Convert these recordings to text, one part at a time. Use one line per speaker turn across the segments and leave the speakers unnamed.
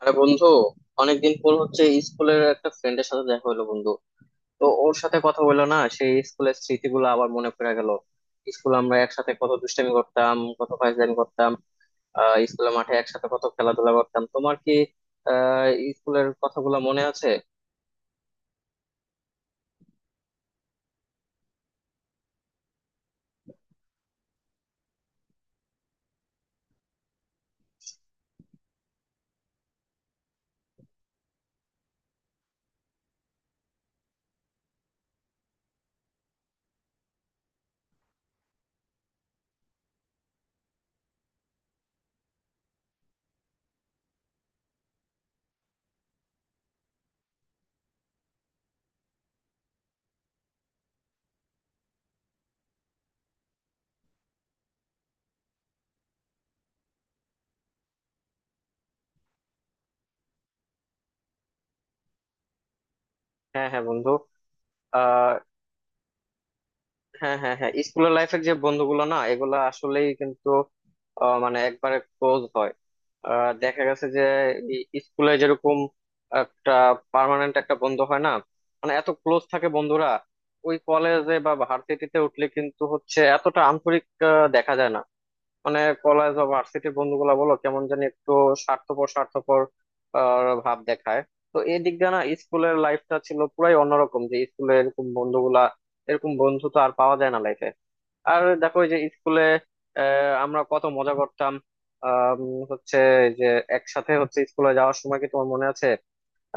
আরে বন্ধু, অনেকদিন পর হচ্ছে স্কুলের একটা ফ্রেন্ডের সাথে দেখা হলো বন্ধু। তো ওর সাথে কথা হলো না, সেই স্কুলের স্মৃতিগুলো আবার মনে পড়ে গেল। স্কুল আমরা একসাথে কত দুষ্টামি করতাম, কত ফাইজলামি করতাম। স্কুলের মাঠে একসাথে কত খেলাধুলা করতাম, তোমার কি আহ স্কুলের কথাগুলো মনে আছে? হ্যাঁ হ্যাঁ বন্ধু। আহ হ্যাঁ হ্যাঁ হ্যাঁ, স্কুলের লাইফের যে বন্ধুগুলো না, এগুলা আসলেই কিন্তু মানে একবারে ক্লোজ হয়। দেখা গেছে যে স্কুলে যেরকম একটা পার্মানেন্ট একটা বন্ধু হয় না, মানে এত ক্লোজ থাকে বন্ধুরা, ওই কলেজে বা ভার্সিটিতে উঠলে কিন্তু হচ্ছে এতটা আন্তরিক দেখা যায় না। মানে কলেজ বা ভার্সিটির বন্ধুগুলা বলো কেমন জানি একটু স্বার্থপর স্বার্থপর ভাব দেখায়। তো এই দিক দিয়ে না স্কুলের লাইফটা ছিল পুরাই অন্যরকম, যে স্কুলে এরকম বন্ধুগুলা, এরকম বন্ধু তো আর পাওয়া যায় না লাইফে। আর দেখো, এই যে স্কুলে আমরা কত মজা করতাম। আম, হচ্ছে যে একসাথে হচ্ছে স্কুলে যাওয়ার সময় কি তোমার মনে আছে?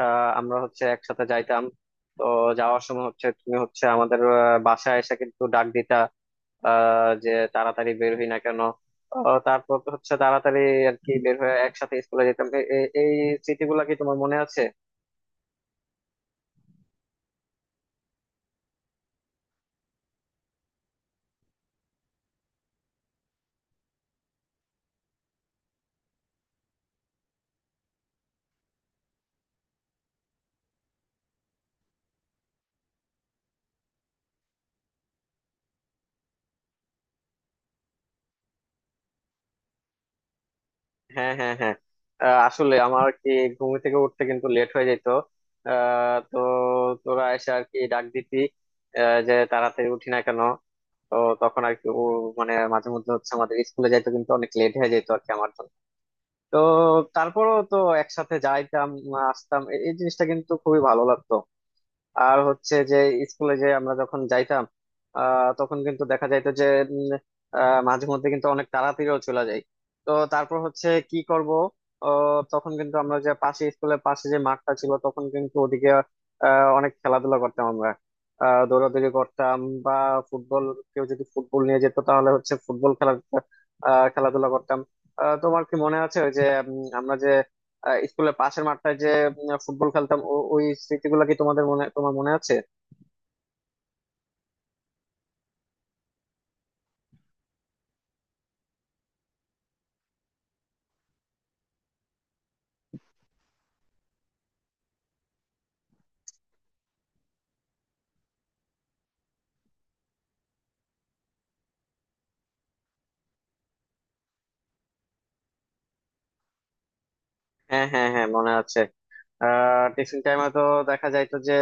আমরা হচ্ছে একসাথে যাইতাম। তো যাওয়ার সময় হচ্ছে তুমি হচ্ছে আমাদের বাসায় এসে কিন্তু ডাক দিতা, যে তাড়াতাড়ি বের হই না কেন। ও তারপর তো হচ্ছে তাড়াতাড়ি আর কি বের হয়ে একসাথে স্কুলে যেতাম। এই স্মৃতিগুলো কি তোমার মনে আছে? হ্যাঁ হ্যাঁ হ্যাঁ। আসলে আমার কি ঘুম থেকে উঠতে কিন্তু লেট হয়ে যেত। তো তোরা এসে আর কি ডাক দিতি, যে তাড়াতাড়ি উঠি না কেন। তো তখন আর কি ও, মানে মাঝে মধ্যে হচ্ছে আমাদের স্কুলে যাইতো কিন্তু অনেক লেট হয়ে যেত আর কি আমার জন্য। তো তারপরও তো একসাথে যাইতাম আসতাম। এই জিনিসটা কিন্তু খুবই ভালো লাগতো। আর হচ্ছে যে স্কুলে যে আমরা যখন যাইতাম তখন কিন্তু দেখা যাইতো যে উম, মাঝে মধ্যে কিন্তু অনেক তাড়াতাড়িও চলে যাই। তো তারপর হচ্ছে কি করব, তখন কিন্তু আমরা যে পাশে স্কুলের পাশে যে মাঠটা ছিল তখন কিন্তু ওদিকে অনেক খেলাধুলা করতাম আমরা। দৌড়াদৌড়ি করতাম বা ফুটবল, কেউ যদি ফুটবল নিয়ে যেত তাহলে হচ্ছে ফুটবল খেলা, খেলাধুলা করতাম। তোমার কি মনে আছে ওই যে আমরা যে স্কুলের পাশের মাঠটায় যে ফুটবল খেলতাম, ওই স্মৃতিগুলো কি তোমাদের মনে তোমার মনে আছে? হ্যাঁ হ্যাঁ হ্যাঁ মনে আছে। টিফিন টাইমে তো দেখা যাইতো যে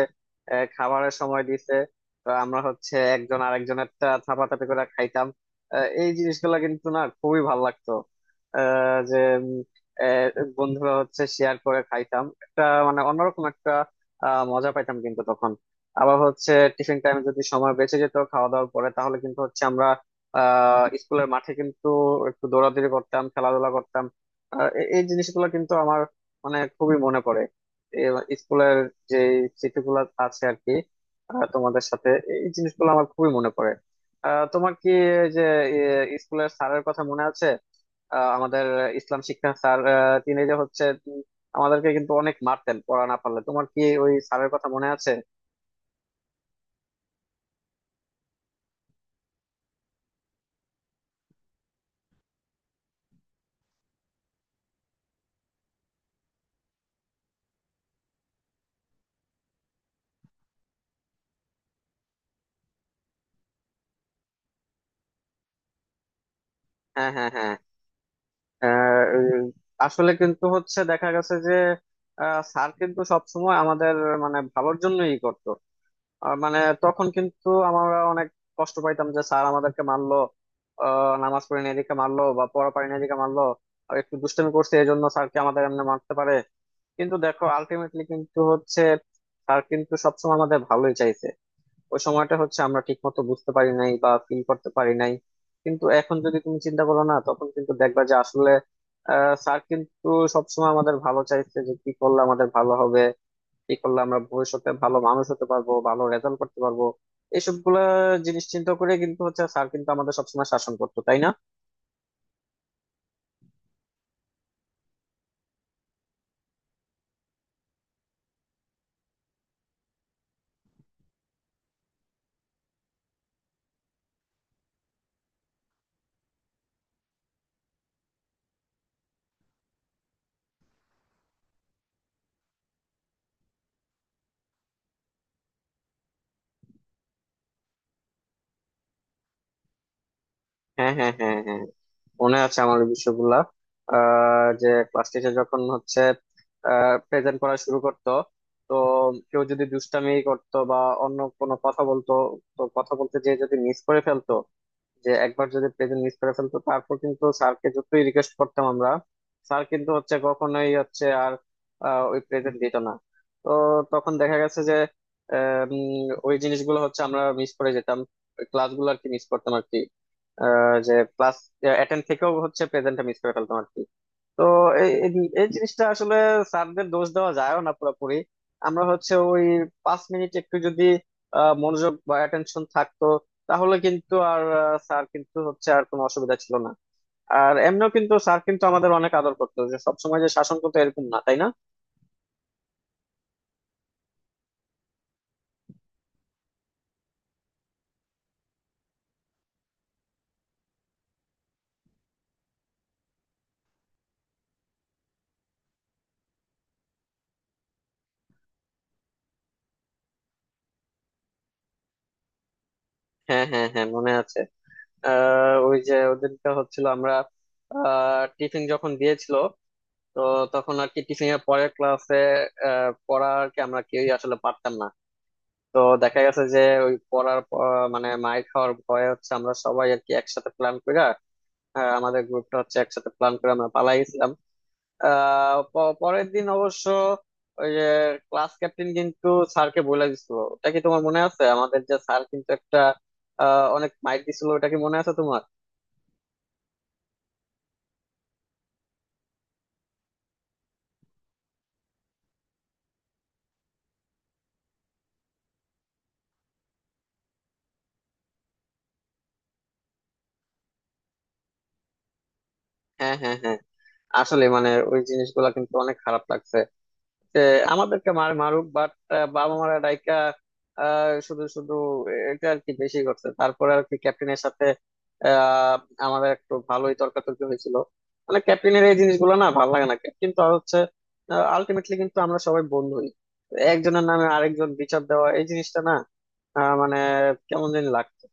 খাবারের সময় দিছে। তো আমরা হচ্ছে একজন আরেকজনের টা থাপাথাপি করে খাইতাম। এই জিনিসগুলো কিন্তু না খুবই ভাল লাগতো, যে উম, আহ, বন্ধুরা হচ্ছে শেয়ার করে খাইতাম একটা, মানে অন্যরকম একটা মজা পাইতাম কিন্তু তখন। আবার হচ্ছে টিফিন টাইমে যদি সময় বেঁচে যেত খাওয়া দাওয়ার পরে তাহলে কিন্তু হচ্ছে আমরা স্কুলের মাঠে কিন্তু একটু দৌড়াদৌড়ি করতাম, খেলাধুলা করতাম। এই জিনিসগুলো কিন্তু আমার মানে খুবই মনে পড়ে। এ- স্কুলের যে স্মৃতিগুলো আছে আর কি তোমাদের সাথে, এই জিনিসগুলো আমার খুবই মনে পড়ে। তোমার কি এই যে স্কুলের স্যারের কথা মনে আছে? আমাদের ইসলাম শিক্ষা স্যার তিনি যে হচ্ছে আমাদেরকে কিন্তু অনেক মারতেন পড়া না পারলে, তোমার কি ওই স্যারের কথা মনে আছে? হ্যাঁ হ্যাঁ হ্যাঁ। আহ, উম, আসলে কিন্তু হচ্ছে দেখা গেছে যে স্যার কিন্তু সবসময় আমাদের মানে ভালোর জন্যই করতো। আর মানে তখন কিন্তু আমরা অনেক কষ্ট পাইতাম যে স্যার আমাদেরকে মারলো, নামাজ পড়ি না এদিকে মারলো, বা পড়া পারি না এদিকে মারলো, আর একটু দুষ্টামি করছে এই জন্য স্যারকে আমাদের এমনি মারতে পারে। কিন্তু দেখো আলটিমেটলি কিন্তু হচ্ছে স্যার কিন্তু সবসময় আমাদের ভালোই চাইছে। ওই সময়টা হচ্ছে আমরা ঠিক মতো বুঝতে পারি নাই বা ফিল করতে পারি নাই, কিন্তু এখন যদি তুমি চিন্তা করো না তখন কিন্তু দেখবা যে আসলে স্যার কিন্তু সবসময় আমাদের ভালো চাইছে, যে কি করলে আমাদের ভালো হবে, কি করলে আমরা ভবিষ্যতে ভালো মানুষ হতে পারবো, ভালো রেজাল্ট করতে পারবো, এইসব গুলা জিনিস চিন্তা করে কিন্তু হচ্ছে স্যার কিন্তু আমাদের সবসময় শাসন করতো তাই না? হ্যাঁ হ্যাঁ হ্যাঁ হ্যাঁ মনে আছে আমার ওই বিষয়গুলা। যে ক্লাস টিচার যখন হচ্ছে প্রেজেন্ট করা শুরু করতো, তো কেউ যদি দুষ্টামি করতো বা অন্য কোনো কথা বলতো, তো কথা বলতে যে যদি মিস করে ফেলতো, যে একবার যদি প্রেজেন্ট মিস করে ফেলতো তারপর কিন্তু স্যারকে যতই রিকোয়েস্ট করতাম আমরা, স্যার কিন্তু হচ্ছে কখনোই হচ্ছে আর ওই প্রেজেন্ট দিত না। তো তখন দেখা গেছে যে ওই জিনিসগুলো হচ্ছে আমরা মিস করে যেতাম, ওই ক্লাসগুলো আর কি মিস করতাম আর কি, যে ক্লাস অ্যাটেন্ড থেকেও হচ্ছে প্রেজেন্টটা মিস করে ফেলতাম আর কি। তো এই এই এই জিনিসটা আসলে স্যারদের দোষ দেওয়া যায়ও না পুরোপুরি। আমরা হচ্ছে ওই 5 মিনিট একটু যদি মনোযোগ বা অ্যাটেনশন থাকতো তাহলে কিন্তু আর স্যার কিন্তু হচ্ছে আর কোনো অসুবিধা ছিল না। আর এমনিও কিন্তু স্যার কিন্তু আমাদের অনেক আদর করতো, যে সবসময় যে শাসন করতো এরকম না তাই না? হ্যাঁ হ্যাঁ হ্যাঁ মনে আছে। ওই যে ওদেরকে হচ্ছিল আমরা টিফিন যখন দিয়েছিল, তো তখন আর কি টিফিন এর পরের ক্লাসে পড়া আর কি আমরা কেউই আসলে পারতাম না। তো দেখা গেছে যে ওই পড়ার মানে মাইর খাওয়ার ভয়ে হচ্ছে আমরা সবাই আর কি একসাথে প্ল্যান করে, আমাদের গ্রুপটা হচ্ছে একসাথে প্ল্যান করে আমরা পালাই গেছিলাম। পরের দিন অবশ্য ওই যে ক্লাস ক্যাপ্টেন কিন্তু স্যারকে বলে দিছিল, ওটা কি তোমার মনে আছে, আমাদের যে স্যার কিন্তু একটা অনেক মাইর দিছিল, ওটা কি মনে আছে তোমার? হ্যাঁ হ্যাঁ হ্যাঁ। আসলে মানে ওই জিনিসগুলো কিন্তু অনেক খারাপ লাগছে যে আমাদেরকে মার মারুক বাট বাবা মারা ডাইকা শুধু শুধু এটা আর কি বেশি করছে। তারপরে আর কি ক্যাপ্টেনের সাথে আহ, আমাদের একটু ভালোই তর্কাতর্কি হয়েছিল। মানে ক্যাপ্টেনের এই জিনিসগুলো না ভালো লাগে না, ক্যাপ্টেন তো হচ্ছে আলটিমেটলি কিন্তু আমরা সবাই বন্ধুই, একজনের নামে আরেকজন বিচার দেওয়া এই জিনিসটা না মানে কেমন জানি লাগতো।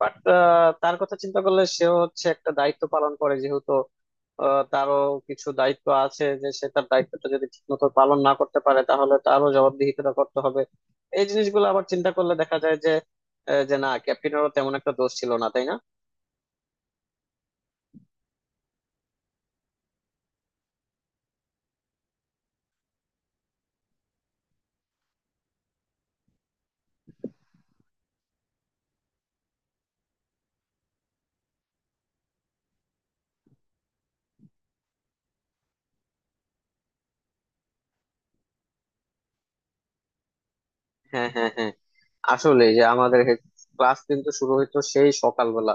বাট তার কথা চিন্তা করলে সেও হচ্ছে একটা দায়িত্ব পালন করে যেহেতু, তারও কিছু দায়িত্ব আছে যে সে তার দায়িত্বটা যদি ঠিক মতো পালন না করতে পারে তাহলে তারও জবাবদিহিতা করতে হবে। এই জিনিসগুলো আবার চিন্তা করলে দেখা যায় যে যে না ক্যাপ্টেনেরও তেমন একটা দোষ ছিল না তাই না? হ্যাঁ হ্যাঁ হ্যাঁ। আসলে যে আমাদের ক্লাস কিন্তু শুরু হইতো সেই সকালবেলা,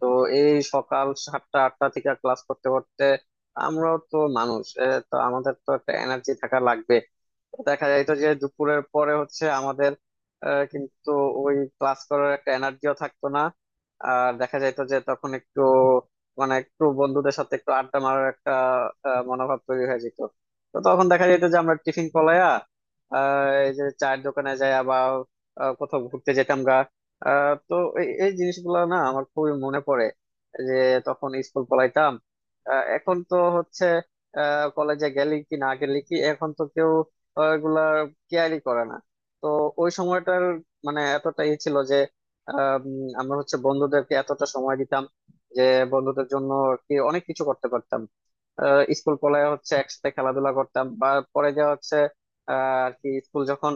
তো এই সকাল 7টা 8টা থেকে ক্লাস করতে করতে আমরাও তো মানুষ, তো আমাদের তো একটা এনার্জি থাকা লাগবে। দেখা যাইতো যে দুপুরের পরে হচ্ছে আমাদের কিন্তু ওই ক্লাস করার একটা এনার্জিও থাকতো না। আর দেখা যাইতো যে তখন একটু মানে একটু বন্ধুদের সাথে একটু আড্ডা মারার একটা মনোভাব তৈরি হয়ে যেত। তো তখন দেখা যেত যে আমরা টিফিন পলায়া আহ, এই যে চায়ের দোকানে যাই বা কোথাও ঘুরতে যেতাম গা। তো এই এই জিনিসগুলো না আমার খুবই মনে পড়ে যে তখন স্কুল পলাইতাম। এখন তো হচ্ছে কলেজে গেলি কি না গেলি কি এখন তো কেউ এগুলা কেয়ারই করে না। তো ওই সময়টার মানে এতটা ই ছিল যে আম, আমরা হচ্ছে বন্ধুদেরকে এতটা সময় দিতাম যে বন্ধুদের জন্য আর কি অনেক কিছু করতে পারতাম। স্কুল কলেজে হচ্ছে একসাথে খেলাধুলা করতাম বা পরে যা হচ্ছে আহ, আর কি স্কুল যখন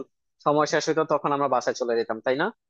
সময় শেষ হইতো তখন আমরা বাসায় চলে যেতাম তাই না?